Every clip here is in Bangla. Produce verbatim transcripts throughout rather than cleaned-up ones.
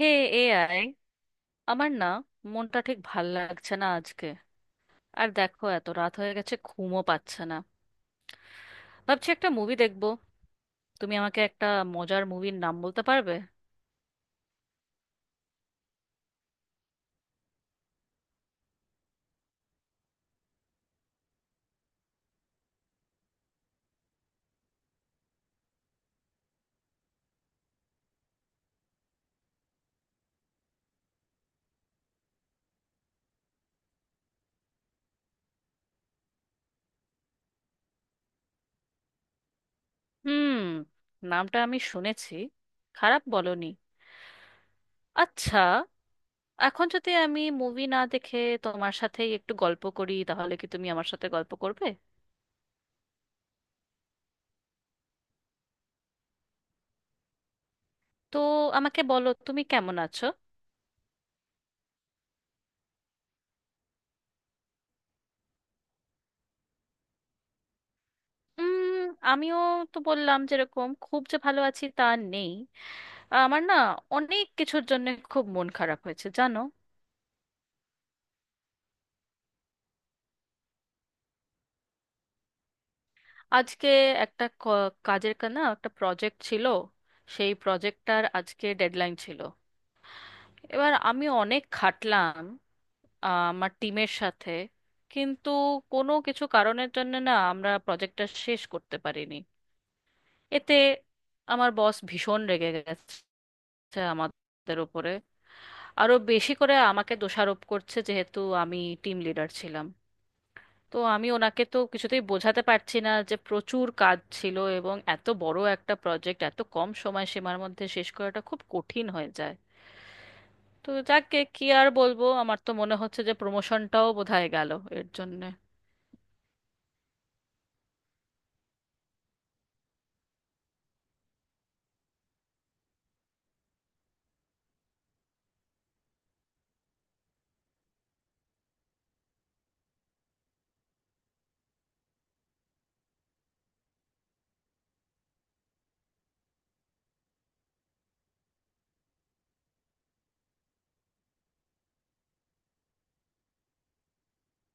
হে এআই, আমার না মনটা ঠিক ভাল লাগছে না আজকে। আর দেখো এত রাত হয়ে গেছে, ঘুমও পাচ্ছে না। ভাবছি একটা মুভি দেখবো। তুমি আমাকে একটা মজার মুভির নাম বলতে পারবে? হুম, নামটা আমি শুনেছি। খারাপ বলনি। আচ্ছা, এখন যদি আমি মুভি না দেখে তোমার সাথেই একটু গল্প করি, তাহলে কি তুমি আমার সাথে গল্প করবে? তো আমাকে বলো, তুমি কেমন আছো? উম, আমিও তো বললাম, যেরকম খুব যে ভালো আছি তা নেই। আমার না অনেক কিছুর জন্য খুব মন খারাপ হয়েছে, জানো। আজকে একটা ক- কাজের কা- না একটা প্রজেক্ট ছিল। সেই প্রজেক্টটার আজকে ডেডলাইন ছিল। এবার আমি অনেক খাটলাম আহ, আমার টিমের সাথে। কিন্তু কোনো কিছু কারণের জন্য না আমরা প্রজেক্টটা শেষ করতে পারিনি। এতে আমার বস ভীষণ রেগে গেছে আমাদের উপরে। আরো বেশি করে আমাকে দোষারোপ করছে, যেহেতু আমি টিম লিডার ছিলাম। তো আমি ওনাকে তো কিছুতেই বোঝাতে পারছি না যে প্রচুর কাজ ছিল এবং এত বড় একটা প্রজেক্ট এত কম সময় সীমার মধ্যে শেষ করাটা খুব কঠিন হয়ে যায়। তো যাকে কি আর বলবো, আমার তো মনে হচ্ছে যে প্রমোশনটাও বোধহয় গেল এর জন্যে।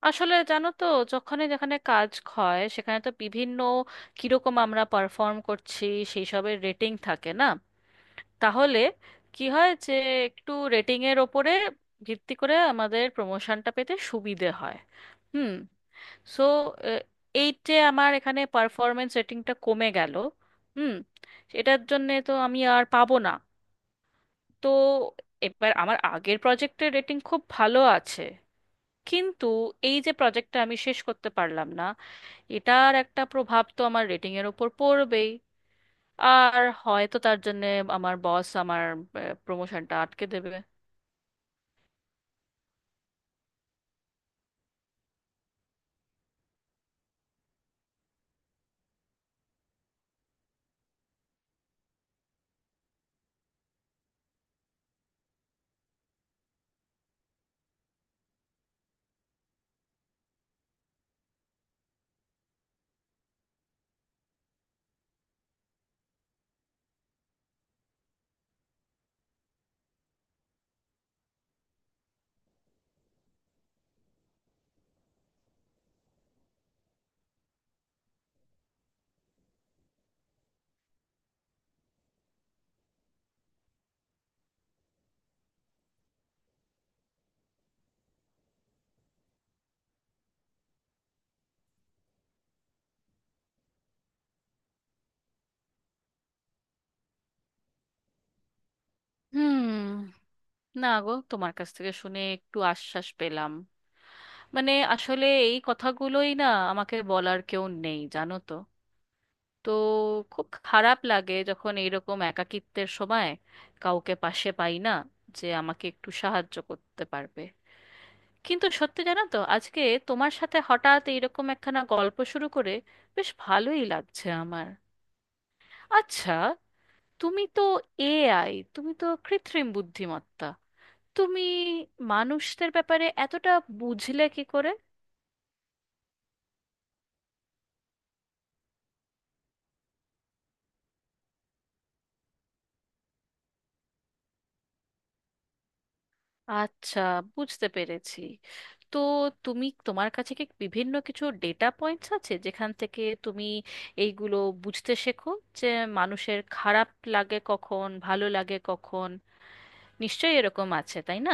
আসলে জানো তো, যখনই যেখানে কাজ হয়, সেখানে তো বিভিন্ন কিরকম আমরা পারফর্ম করছি সেই সবের রেটিং থাকে না? তাহলে কি হয় যে একটু রেটিংয়ের ওপরে ভিত্তি করে আমাদের প্রমোশনটা পেতে সুবিধে হয়। হুম। সো এইটে আমার এখানে পারফরমেন্স রেটিংটা কমে গেল। হুম। এটার জন্যে তো আমি আর পাবো না। তো এবার আমার আগের প্রজেক্টের রেটিং খুব ভালো আছে, কিন্তু এই যে প্রজেক্টটা আমি শেষ করতে পারলাম না, এটার একটা প্রভাব তো আমার রেটিংয়ের ওপর পড়বেই। আর হয়তো তার জন্যে আমার বস আমার প্রমোশনটা আটকে দেবে। হুম। না গো, তোমার কাছ থেকে শুনে একটু আশ্বাস পেলাম। মানে আসলে এই কথাগুলোই না আমাকে বলার কেউ নেই, জানো তো। তো খুব খারাপ লাগে যখন এইরকম একাকিত্বের সময় কাউকে পাশে পাই না, যে আমাকে একটু সাহায্য করতে পারবে। কিন্তু সত্যি জানো তো, আজকে তোমার সাথে হঠাৎ এইরকম একখানা গল্প শুরু করে বেশ ভালোই লাগছে আমার। আচ্ছা, তুমি তো এআই, তুমি তো কৃত্রিম বুদ্ধিমত্তা। তুমি মানুষদের ব্যাপারে এতটা বুঝলে কি করে? আচ্ছা, বুঝতে পেরেছি। তো তুমি তোমার কাছে কি বিভিন্ন কিছু ডেটা পয়েন্টস আছে, যেখান থেকে তুমি এইগুলো বুঝতে শেখো যে মানুষের খারাপ লাগে কখন, ভালো লাগে কখন? নিশ্চয়ই এরকম আছে, তাই না?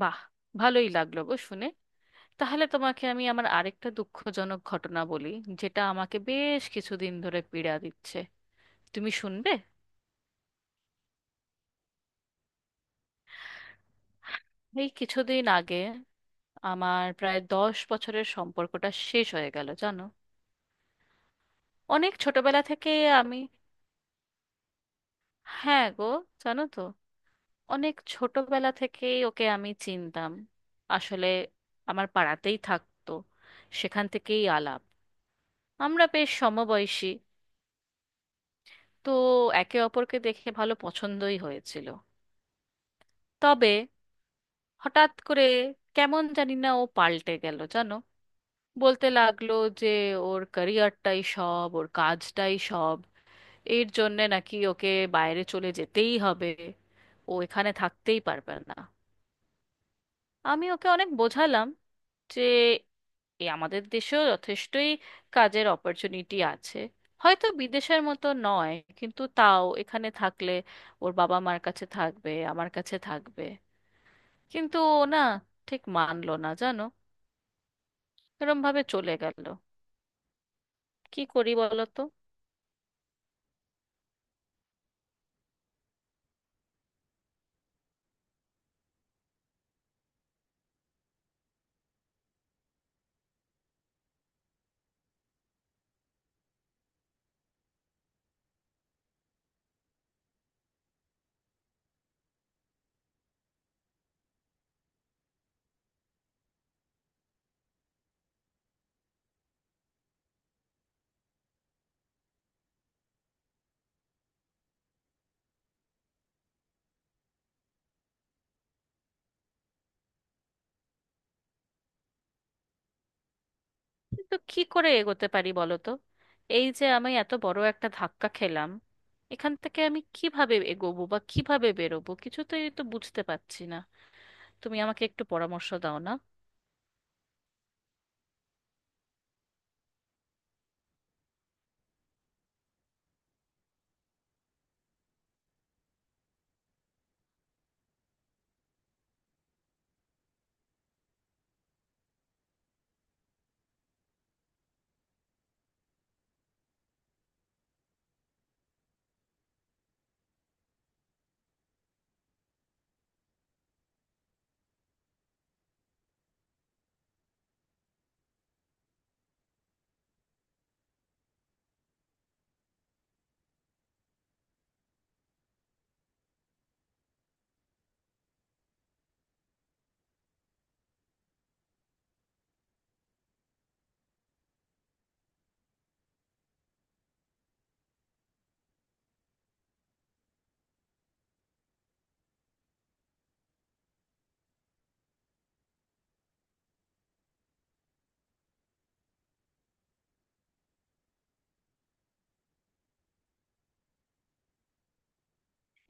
বাহ, ভালোই লাগলো গো শুনে। তাহলে তোমাকে আমি আমার আরেকটা দুঃখজনক ঘটনা বলি, যেটা আমাকে বেশ কিছুদিন ধরে পীড়া দিচ্ছে। তুমি শুনবে? এই কিছুদিন আগে আমার প্রায় দশ বছরের সম্পর্কটা শেষ হয়ে গেল, জানো। অনেক ছোটবেলা থেকেই আমি… হ্যাঁ গো, জানো তো, অনেক ছোটবেলা থেকেই ওকে আমি চিনতাম। আসলে আমার পাড়াতেই থাকতো, সেখান থেকেই আলাপ। আমরা বেশ সমবয়সী। তো একে অপরকে দেখে ভালো পছন্দই হয়েছিল। তবে হঠাৎ করে কেমন জানি না ও পাল্টে গেল, জানো। বলতে লাগলো যে ওর ক্যারিয়ারটাই সব, ওর কাজটাই সব। এর জন্যে নাকি ওকে বাইরে চলে যেতেই হবে, ও এখানে থাকতেই পারবে না। আমি ওকে অনেক বোঝালাম যে এ আমাদের দেশেও যথেষ্টই কাজের অপরচুনিটি আছে, হয়তো বিদেশের মতো নয়, কিন্তু তাও এখানে থাকলে ওর বাবা মার কাছে থাকবে, আমার কাছে থাকবে। কিন্তু ও না ঠিক মানলো না, জানো। এরম ভাবে চলে গেল। কি করি বলো তো? কিন্তু কি করে এগোতে পারি বলো তো? এই যে আমি এত বড় একটা ধাক্কা খেলাম, এখান থেকে আমি কিভাবে এগোবো বা কিভাবে বেরোবো কিছুতেই তো বুঝতে পারছি না। তুমি আমাকে একটু পরামর্শ দাও না।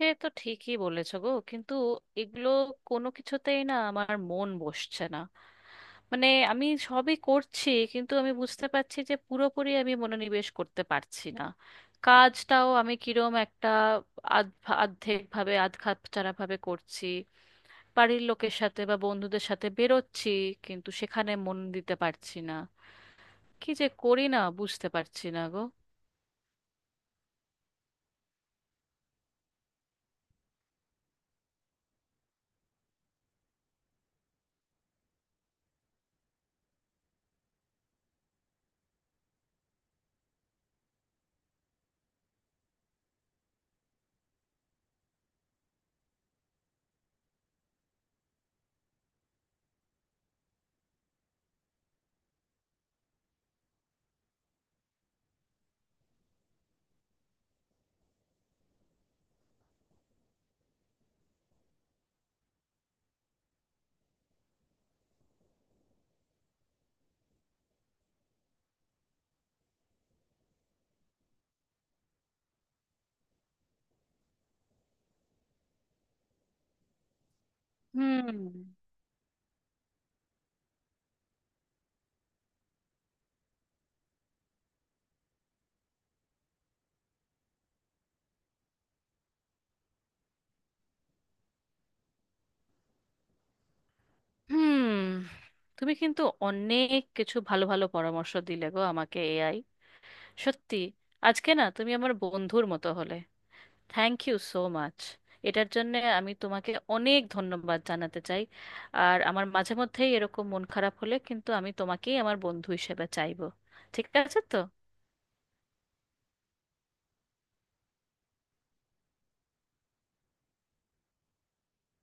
সে তো ঠিকই বলেছো গো, কিন্তু এগুলো কোনো কিছুতেই না আমার মন বসছে না। মানে আমি সবই করছি, কিন্তু আমি বুঝতে পারছি যে পুরোপুরি আমি মনোনিবেশ করতে পারছি না। কাজটাও আমি কিরম একটা আধ আর্ধেক ভাবে, আধ খাপছাড়া ভাবে করছি। বাড়ির লোকের সাথে বা বন্ধুদের সাথে বেরোচ্ছি, কিন্তু সেখানে মন দিতে পারছি না। কি যে করি না, বুঝতে পারছি না গো। হুম। হুম, তুমি কিন্তু অনেক কিছু ভালো ভালো পরামর্শ দিলে গো আমাকে, এআই। সত্যি, আজকে না তুমি আমার বন্ধুর মতো হলে। থ্যাংক ইউ সো মাচ এটার জন্য। আমি তোমাকে অনেক ধন্যবাদ জানাতে চাই। আর আমার মাঝে মধ্যেই এরকম মন খারাপ হলে কিন্তু আমি তোমাকেই আমার বন্ধু হিসেবে চাইবো। ঠিক আছে তো?